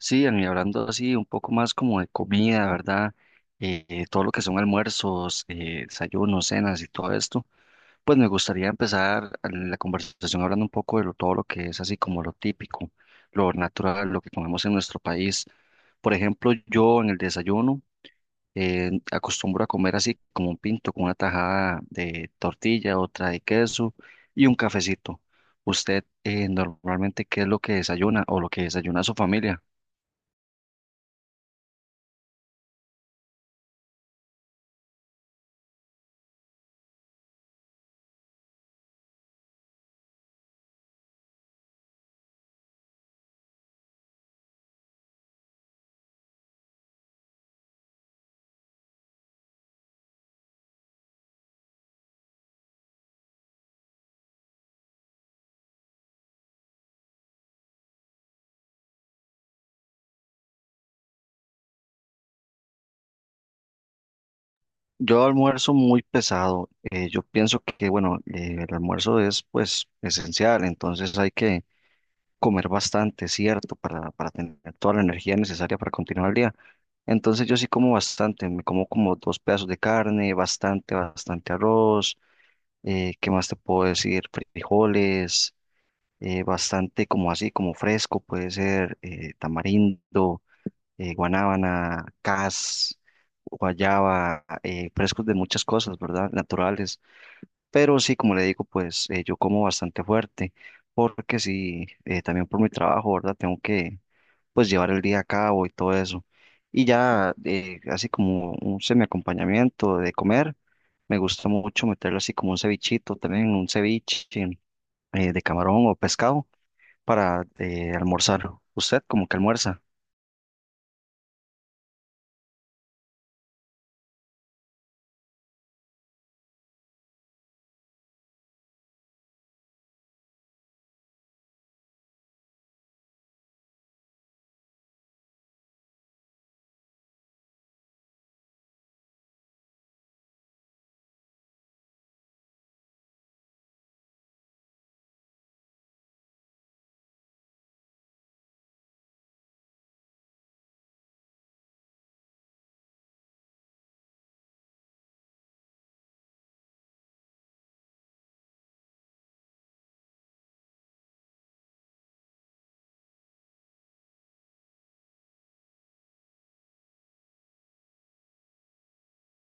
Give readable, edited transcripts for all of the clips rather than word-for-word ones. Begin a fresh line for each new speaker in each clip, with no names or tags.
Sí, Ian, y hablando así un poco más como de comida, ¿verdad? Todo lo que son almuerzos, desayunos, cenas y todo esto, pues me gustaría empezar la conversación hablando un poco de todo lo que es así como lo típico, lo natural, lo que comemos en nuestro país. Por ejemplo, yo en el desayuno acostumbro a comer así como un pinto, con una tajada de tortilla, otra de queso y un cafecito. ¿Usted normalmente qué es lo que desayuna o lo que desayuna su familia? Yo almuerzo muy pesado. Yo pienso que, bueno, el almuerzo es pues esencial, entonces hay que comer bastante, ¿cierto? Para tener toda la energía necesaria para continuar el día. Entonces yo sí como bastante, me como como dos pedazos de carne, bastante, bastante arroz, ¿qué más te puedo decir? Frijoles, bastante como así, como fresco, puede ser tamarindo, guanábana, cas, guayaba, frescos de muchas cosas, ¿verdad? Naturales. Pero sí, como le digo, pues yo como bastante fuerte, porque sí, también por mi trabajo, ¿verdad? Tengo que, pues, llevar el día a cabo y todo eso. Y ya, así como un semiacompañamiento de comer, me gusta mucho meterlo así como un cevichito, también un ceviche de camarón o pescado para almorzar. ¿Usted como que almuerza?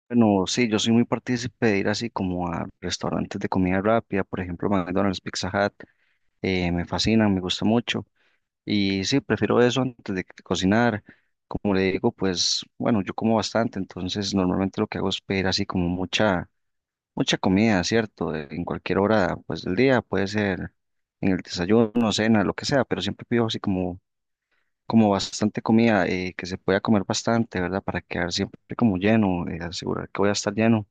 Bueno, sí, yo soy muy partícipe de ir así como a restaurantes de comida rápida, por ejemplo, McDonald's, Pizza Hut, me fascinan, me gusta mucho. Y sí, prefiero eso antes de que cocinar. Como le digo, pues bueno, yo como bastante, entonces normalmente lo que hago es pedir así como mucha comida, ¿cierto? En cualquier hora, pues del día, puede ser en el desayuno, cena, lo que sea, pero siempre pido así como, como bastante comida, que se pueda comer bastante, ¿verdad? Para quedar siempre como lleno, asegurar que voy a estar lleno.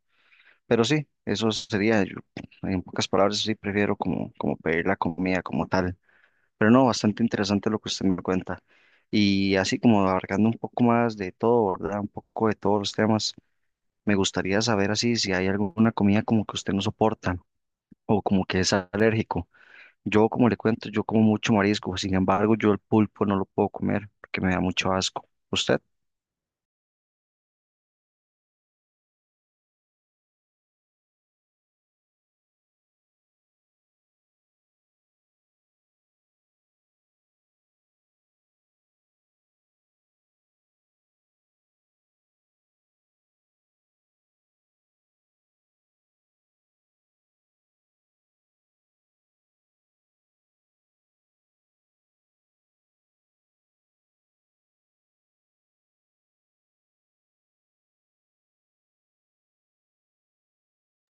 Pero sí, eso sería, yo, en pocas palabras, sí prefiero como, como pedir la comida como tal. Pero no, bastante interesante lo que usted me cuenta. Y así como abarcando un poco más de todo, ¿verdad? Un poco de todos los temas, me gustaría saber así si hay alguna comida como que usted no soporta o como que es alérgico. Yo, como le cuento, yo como mucho marisco, sin embargo, yo el pulpo no lo puedo comer porque me da mucho asco. ¿Usted?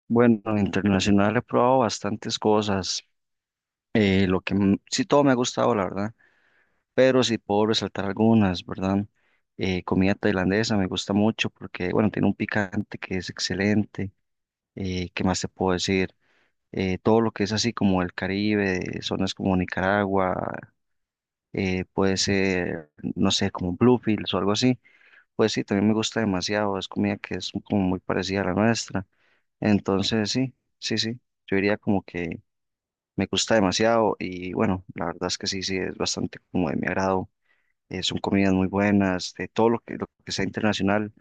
Bueno, internacional he probado bastantes cosas. Lo que sí todo me ha gustado, la verdad, pero sí puedo resaltar algunas, ¿verdad? Comida tailandesa me gusta mucho porque, bueno, tiene un picante que es excelente. ¿Qué más te puedo decir? Todo lo que es así como el Caribe, zonas como Nicaragua, puede ser, no sé, como Bluefields o algo así. Pues sí, también me gusta demasiado, es comida que es como muy parecida a la nuestra. Entonces, sí, sí, sí, yo diría como que me gusta demasiado y bueno, la verdad es que sí, sí, es bastante como de mi agrado. Son comidas muy buenas, de todo lo que sea internacional,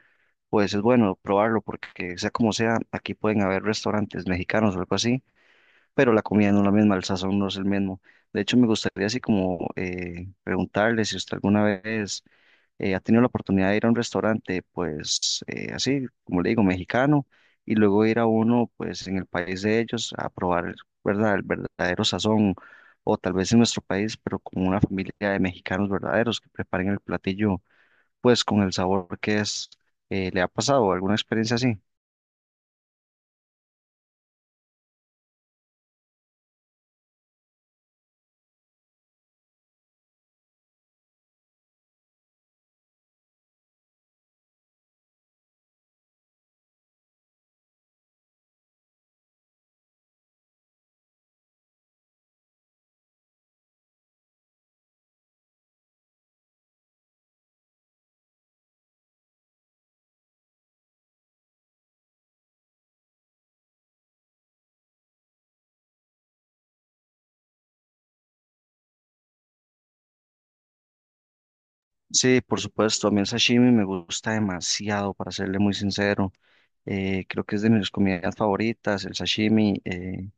pues es bueno probarlo porque sea como sea, aquí pueden haber restaurantes mexicanos o algo así, pero la comida no es la misma, el sazón no es el mismo. De hecho, me gustaría así como preguntarle si usted alguna vez ha tenido la oportunidad de ir a un restaurante, pues así, como le digo, mexicano, y luego ir a uno, pues en el país de ellos, a probar, ¿verdad?, el verdadero sazón, o tal vez en nuestro país, pero con una familia de mexicanos verdaderos que preparen el platillo, pues con el sabor que es. ¿Le ha pasado alguna experiencia así? Sí, por supuesto, a mí el sashimi me gusta demasiado, para serle muy sincero. Creo que es de mis comidas favoritas, el sashimi.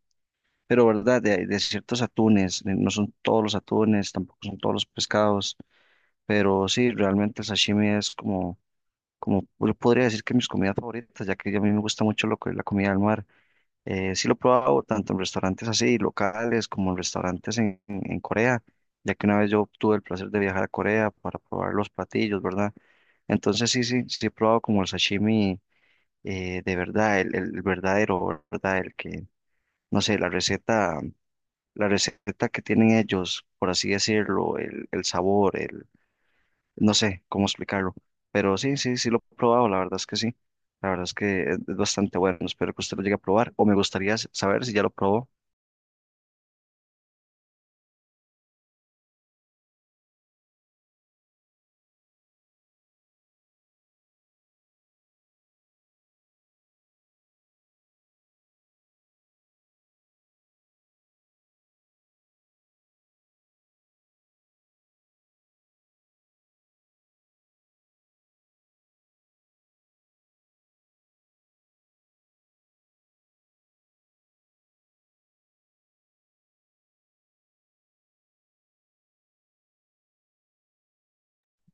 Pero verdad, de ciertos atunes, no son todos los atunes, tampoco son todos los pescados, pero sí, realmente el sashimi es como, como yo podría decir que mis comidas favoritas, ya que a mí me gusta mucho la comida del mar. Sí lo he probado tanto en restaurantes así, locales, como en restaurantes en Corea, ya que una vez yo tuve el placer de viajar a Corea para probar los platillos, ¿verdad? Entonces sí, sí, sí he probado como el sashimi, de verdad, el verdadero, ¿verdad? El que, no sé, la receta que tienen ellos, por así decirlo, el sabor, no sé cómo explicarlo, pero sí, sí, sí lo he probado, la verdad es que sí, la verdad es que es bastante bueno, espero que usted lo llegue a probar, o me gustaría saber si ya lo probó.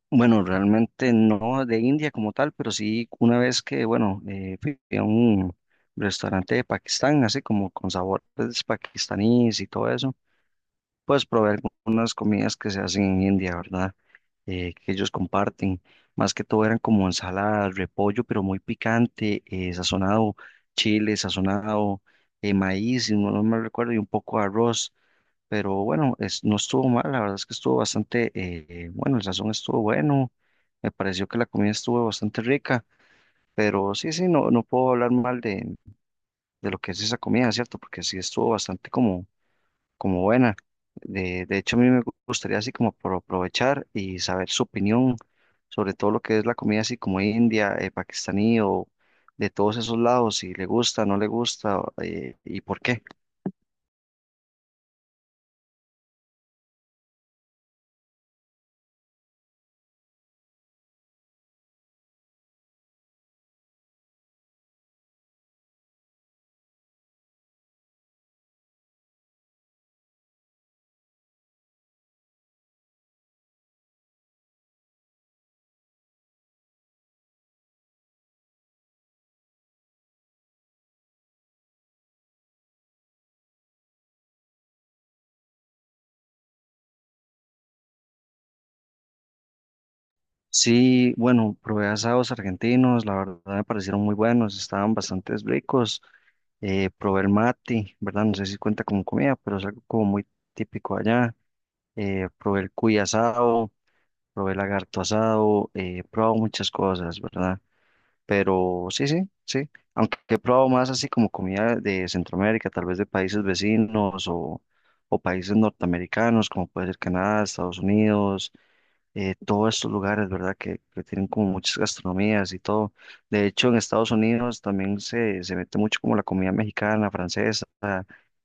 Bueno, realmente no de India como tal, pero sí una vez que, bueno, fui a un restaurante de Pakistán, así como con sabores pakistaníes y todo eso, pues probé algunas comidas que se hacen en India, ¿verdad? Que ellos comparten. Más que todo eran como ensaladas, repollo, pero muy picante, sazonado, chile, sazonado, maíz, si no, no me recuerdo, y un poco de arroz. Pero bueno, es, no estuvo mal, la verdad es que estuvo bastante, bueno, el sazón estuvo bueno, me pareció que la comida estuvo bastante rica, pero sí, sí, no, no puedo hablar mal de lo que es esa comida, ¿cierto? Porque sí estuvo bastante como como buena. De hecho, a mí me gustaría así como por aprovechar y saber su opinión sobre todo lo que es la comida así como india, pakistaní o de todos esos lados, si le gusta, no le gusta, y por qué. Sí, bueno, probé asados argentinos, la verdad me parecieron muy buenos, estaban bastante ricos. Probé el mati, ¿verdad? No sé si cuenta como comida, pero es algo como muy típico allá. Probé el cuy asado, probé el lagarto asado, he probado muchas cosas, ¿verdad? Pero sí, sí, sí. Aunque he probado más así como comida de Centroamérica, tal vez de países vecinos o países norteamericanos, como puede ser Canadá, Estados Unidos, todos estos lugares, ¿verdad? Que tienen como muchas gastronomías y todo. De hecho, en Estados Unidos también se mete mucho como la comida mexicana, francesa,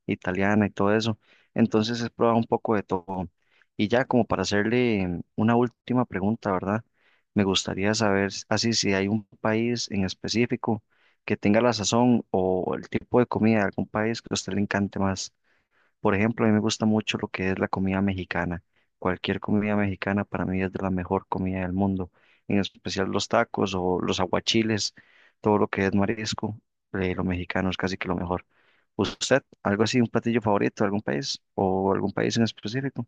italiana y todo eso. Entonces he probado un poco de todo. Y ya como para hacerle una última pregunta, ¿verdad? Me gustaría saber así si hay un país en específico que tenga la sazón o el tipo de comida de algún país que a usted le encante más. Por ejemplo, a mí me gusta mucho lo que es la comida mexicana. Cualquier comida mexicana para mí es de la mejor comida del mundo, en especial los tacos o los aguachiles, todo lo que es marisco, lo mexicano es casi que lo mejor. ¿Usted, algo así, un platillo favorito de algún país o algún país en específico?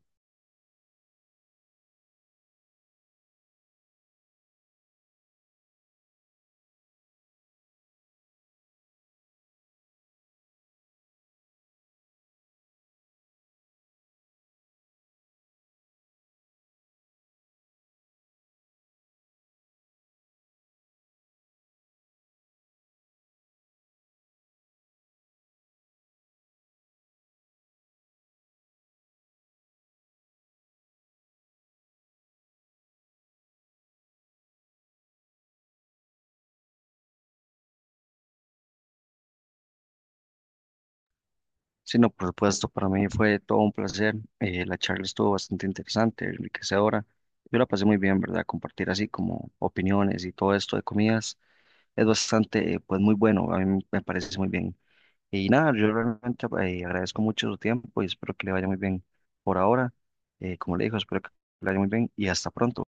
Sí, no, por supuesto, para mí fue todo un placer. La charla estuvo bastante interesante, enriquecedora. Yo la pasé muy bien, ¿verdad? Compartir así como opiniones y todo esto de comidas es bastante, pues muy bueno, a mí me parece muy bien. Y nada, yo realmente agradezco mucho su tiempo y espero que le vaya muy bien por ahora. Como le digo, espero que le vaya muy bien y hasta pronto.